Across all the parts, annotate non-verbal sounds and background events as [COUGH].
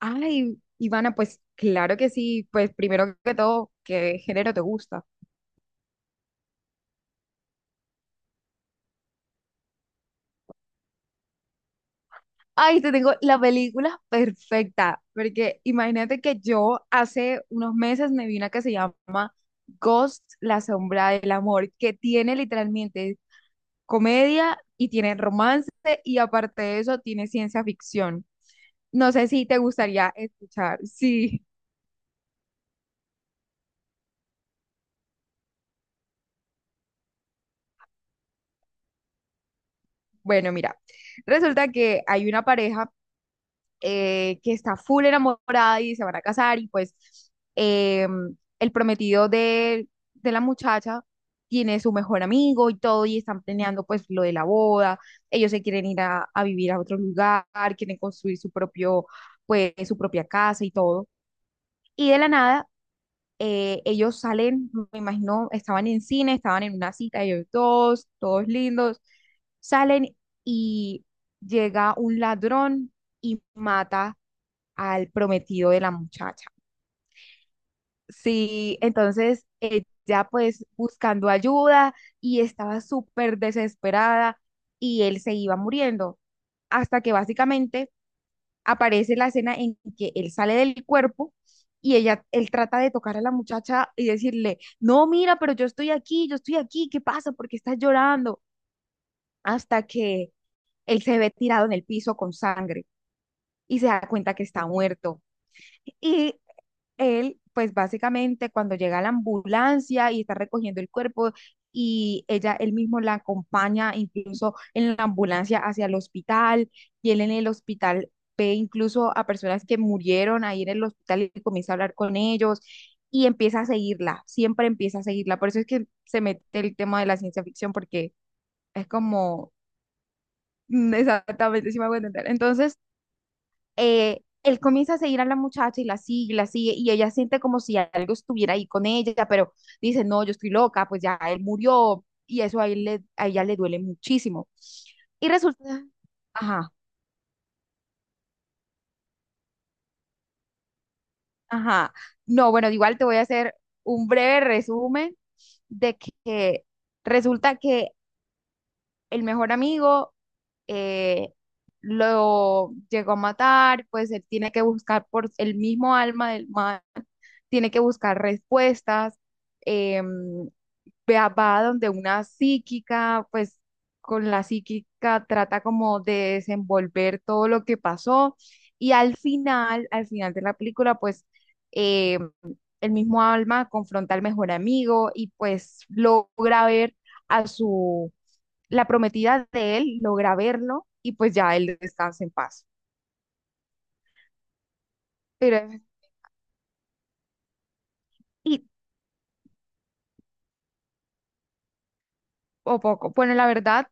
Ay, Ivana, pues claro que sí. Pues primero que todo, ¿qué género te gusta? Ay, te tengo la película perfecta, porque imagínate que yo hace unos meses me vi una que se llama Ghost, la sombra del amor, que tiene literalmente comedia y tiene romance y aparte de eso tiene ciencia ficción. No sé si te gustaría escuchar. Sí, bueno, mira, resulta que hay una pareja que está full enamorada y se van a casar y pues eh, el prometido de la muchacha tiene su mejor amigo y todo y están planeando pues lo de la boda, ellos se quieren ir a vivir a otro lugar, quieren construir su propio, pues su propia casa y todo. Y de la nada, ellos salen, me imagino, estaban en cine, estaban en una cita, ellos dos, todos lindos, salen y llega un ladrón y mata al prometido de la muchacha. Sí, entonces ella pues buscando ayuda y estaba súper desesperada y él se iba muriendo hasta que básicamente aparece la escena en que él sale del cuerpo y ella, él trata de tocar a la muchacha y decirle, no, mira, pero yo estoy aquí, ¿qué pasa? ¿Por qué estás llorando? Hasta que él se ve tirado en el piso con sangre y se da cuenta que está muerto. Y él, pues básicamente cuando llega la ambulancia y está recogiendo el cuerpo y ella, él mismo la acompaña incluso en la ambulancia hacia el hospital y él en el hospital ve incluso a personas que murieron ahí en el hospital y comienza a hablar con ellos y empieza a seguirla, siempre empieza a seguirla. Por eso es que se mete el tema de la ciencia ficción porque es como [LAUGHS] exactamente si me hago entender. Entonces él comienza a seguir a la muchacha y la sigue, y la sigue, y ella siente como si algo estuviera ahí con ella, pero dice, no, yo estoy loca, pues ya él murió, y eso a, a ella le duele muchísimo. Y resulta, ajá, ajá, no, bueno, igual te voy a hacer un breve resumen de que resulta que el mejor amigo eh, lo llegó a matar, pues él tiene que buscar por el mismo alma del mal, tiene que buscar respuestas, em, va donde una psíquica, pues con la psíquica trata como de desenvolver todo lo que pasó y al final de la película, pues em, el mismo Alma confronta al mejor amigo y pues logra ver a su, la prometida de él, logra verlo y pues ya él descansa en paz. Pero, y, o poco, bueno, la verdad.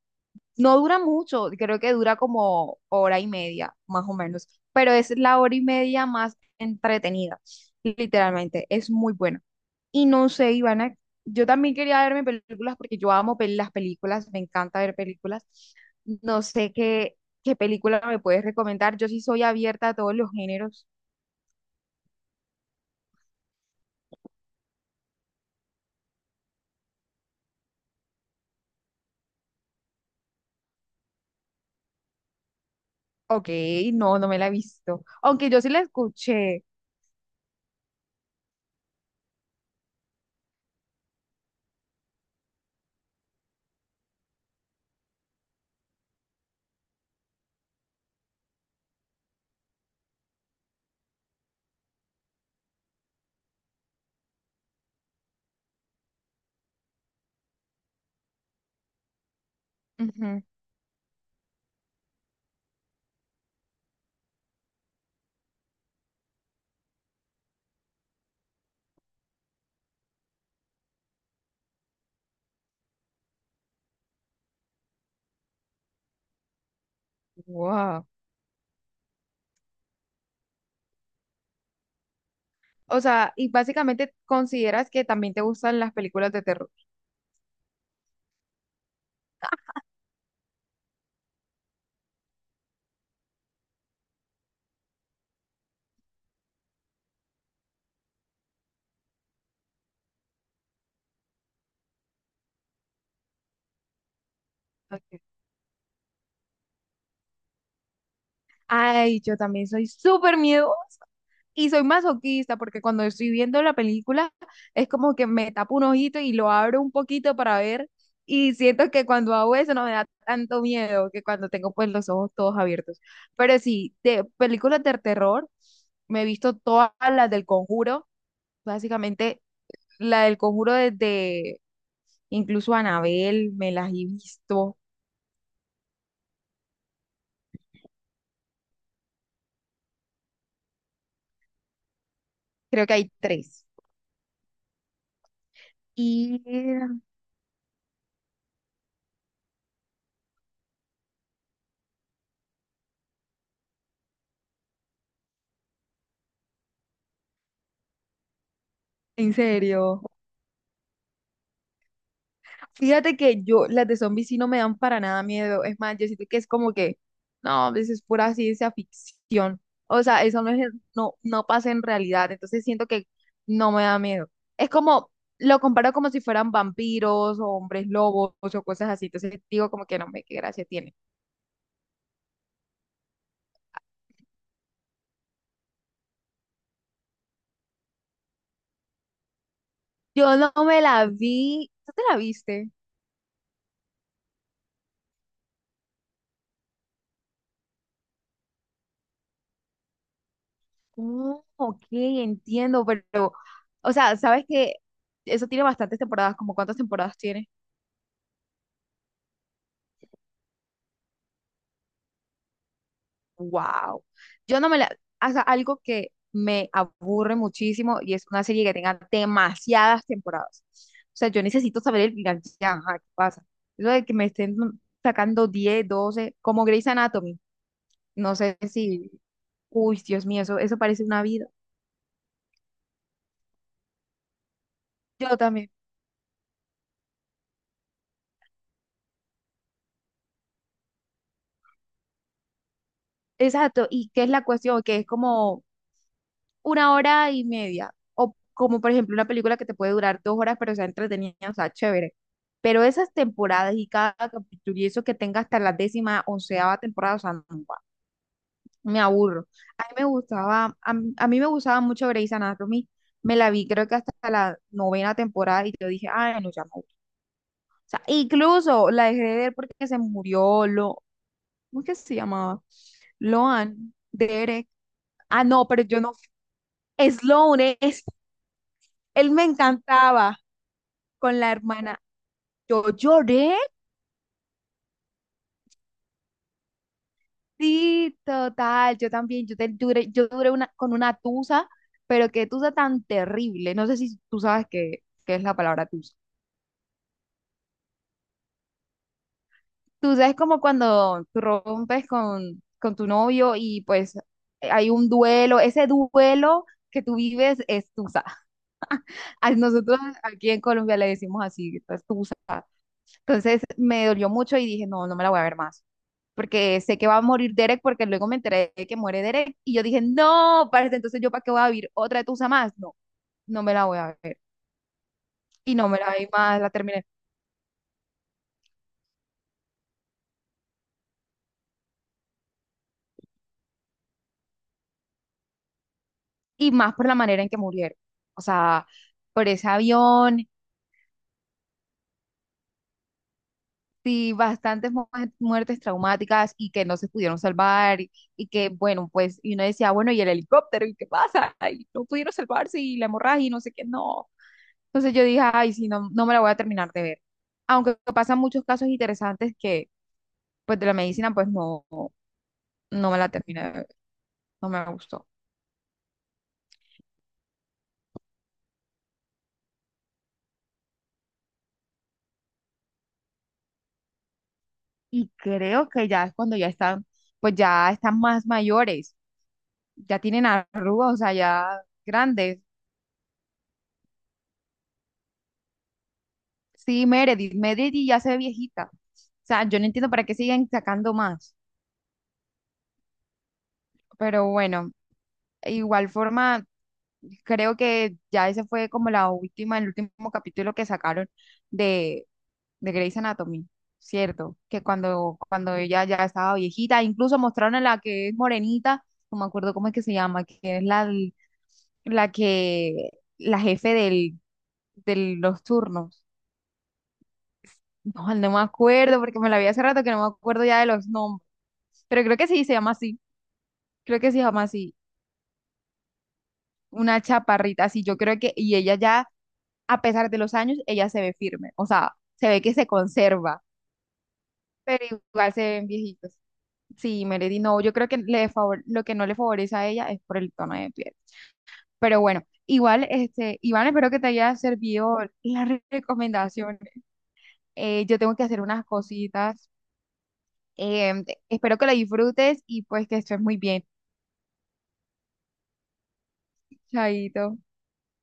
No dura mucho, creo que dura como hora y media, más o menos, pero es la hora y media más entretenida, literalmente, es muy buena. Y no sé, Ivana, yo también quería verme películas porque yo amo las películas, me encanta ver películas. No sé qué, qué película me puedes recomendar, yo sí soy abierta a todos los géneros. Ok, no, no me la he visto, aunque yo sí la escuché. Ujú. Wow. O sea, y básicamente consideras que también te gustan las películas de terror. Ok. Ay, yo también soy súper miedosa y soy masoquista porque cuando estoy viendo la película es como que me tapo un ojito y lo abro un poquito para ver y siento que cuando hago eso no me da tanto miedo que cuando tengo pues los ojos todos abiertos. Pero sí, de películas de terror me he visto todas las del Conjuro, básicamente la del Conjuro desde incluso Anabel me las he visto, creo que hay tres. Y en serio. Fíjate que yo, las de zombies sí no me dan para nada miedo. Es más, yo siento que es como que, no, eso es pura ciencia ficción. O sea, eso no es, no, no pasa en realidad. Entonces siento que no me da miedo. Es como, lo comparo como si fueran vampiros o hombres lobos o cosas así. Entonces digo como que no, me qué gracia tiene. Yo no me la vi. ¿Tú te la viste? Oh, ok, entiendo, pero, o sea, ¿sabes que eso tiene bastantes temporadas, como cuántas temporadas tiene? Wow. Yo no me la, o sea, algo que me aburre muchísimo y es una serie que tenga demasiadas temporadas. O sea, yo necesito saber el final, ya, ajá, ¿qué pasa? Eso de que me estén sacando 10, 12, como Grey's Anatomy. No sé si, uy, Dios mío, eso parece una vida. Yo también. Exacto. ¿Y qué es la cuestión? Que es como una hora y media. O como por ejemplo una película que te puede durar dos horas, pero sea entretenida, o sea, chévere. Pero esas temporadas y cada capítulo y eso que tenga hasta la décima, onceava temporada, o sea, no, guau, me aburro. A mí me gustaba, a mí me gustaba mucho Grey's Anatomy. Me la vi creo que hasta la novena temporada y yo dije, ay, no, ya no. O sea, incluso la dejé de ver porque se murió, lo, ¿cómo es que se llamaba? Loan, Derek. Ah, no, pero yo no. Sloane, él me encantaba con la hermana. Yo lloré, sí, total. Yo también, yo, duré, yo duré una, con una tusa, pero qué tusa tan terrible. No sé si tú sabes qué, qué es la palabra tusa. Tusa es como cuando tú rompes con tu novio y pues hay un duelo. Ese duelo que tú vives es tusa. [LAUGHS] A nosotros aquí en Colombia le decimos así, es tusa. Entonces me dolió mucho y dije, no, no me la voy a ver más, porque sé que va a morir Derek, porque luego me enteré de que muere Derek y yo dije, no, parce, entonces yo para qué voy a vivir otra de tusa más. No, no me la voy a ver. Y no me la vi más, la terminé. Y más por la manera en que murieron. O sea, por ese avión, sí, bastantes muertes traumáticas y que no se pudieron salvar y que, bueno, pues, y uno decía, bueno, ¿y el helicóptero? ¿Y qué pasa? Y no pudieron salvarse y la hemorragia y no sé qué, no. Entonces yo dije, ay, sí, no, no me la voy a terminar de ver. Aunque pasan muchos casos interesantes que, pues, de la medicina, pues, no, no me la terminé de ver, no me gustó. Y creo que ya es cuando ya están, pues, ya están más mayores, ya tienen arrugas, o sea, ya grandes. Sí, Meredith, Meredith ya se ve viejita. O sea, yo no entiendo para qué siguen sacando más, pero bueno, igual forma, creo que ya ese fue como la última, el último capítulo que sacaron de de Grey's Anatomy, ¿cierto? Que cuando, cuando ella ya estaba viejita, incluso mostraron a la que es morenita, no me acuerdo cómo es que se llama, que es la, la que, la jefe del, de los turnos. No, no me acuerdo, porque me la vi hace rato que no me acuerdo ya de los nombres. Pero creo que sí se llama así, creo que se llama así, una chaparrita así, yo creo que, y ella ya, a pesar de los años, ella se ve firme, o sea, se ve que se conserva, pero igual se ven viejitos. Sí, Melody, no, yo creo que le lo que no le favorece a ella es por el tono de piel. Pero bueno, igual, este, Iván, espero que te haya servido la recomendación. Yo tengo que hacer unas cositas. Em, espero que la disfrutes y pues que estés muy bien. Chaito.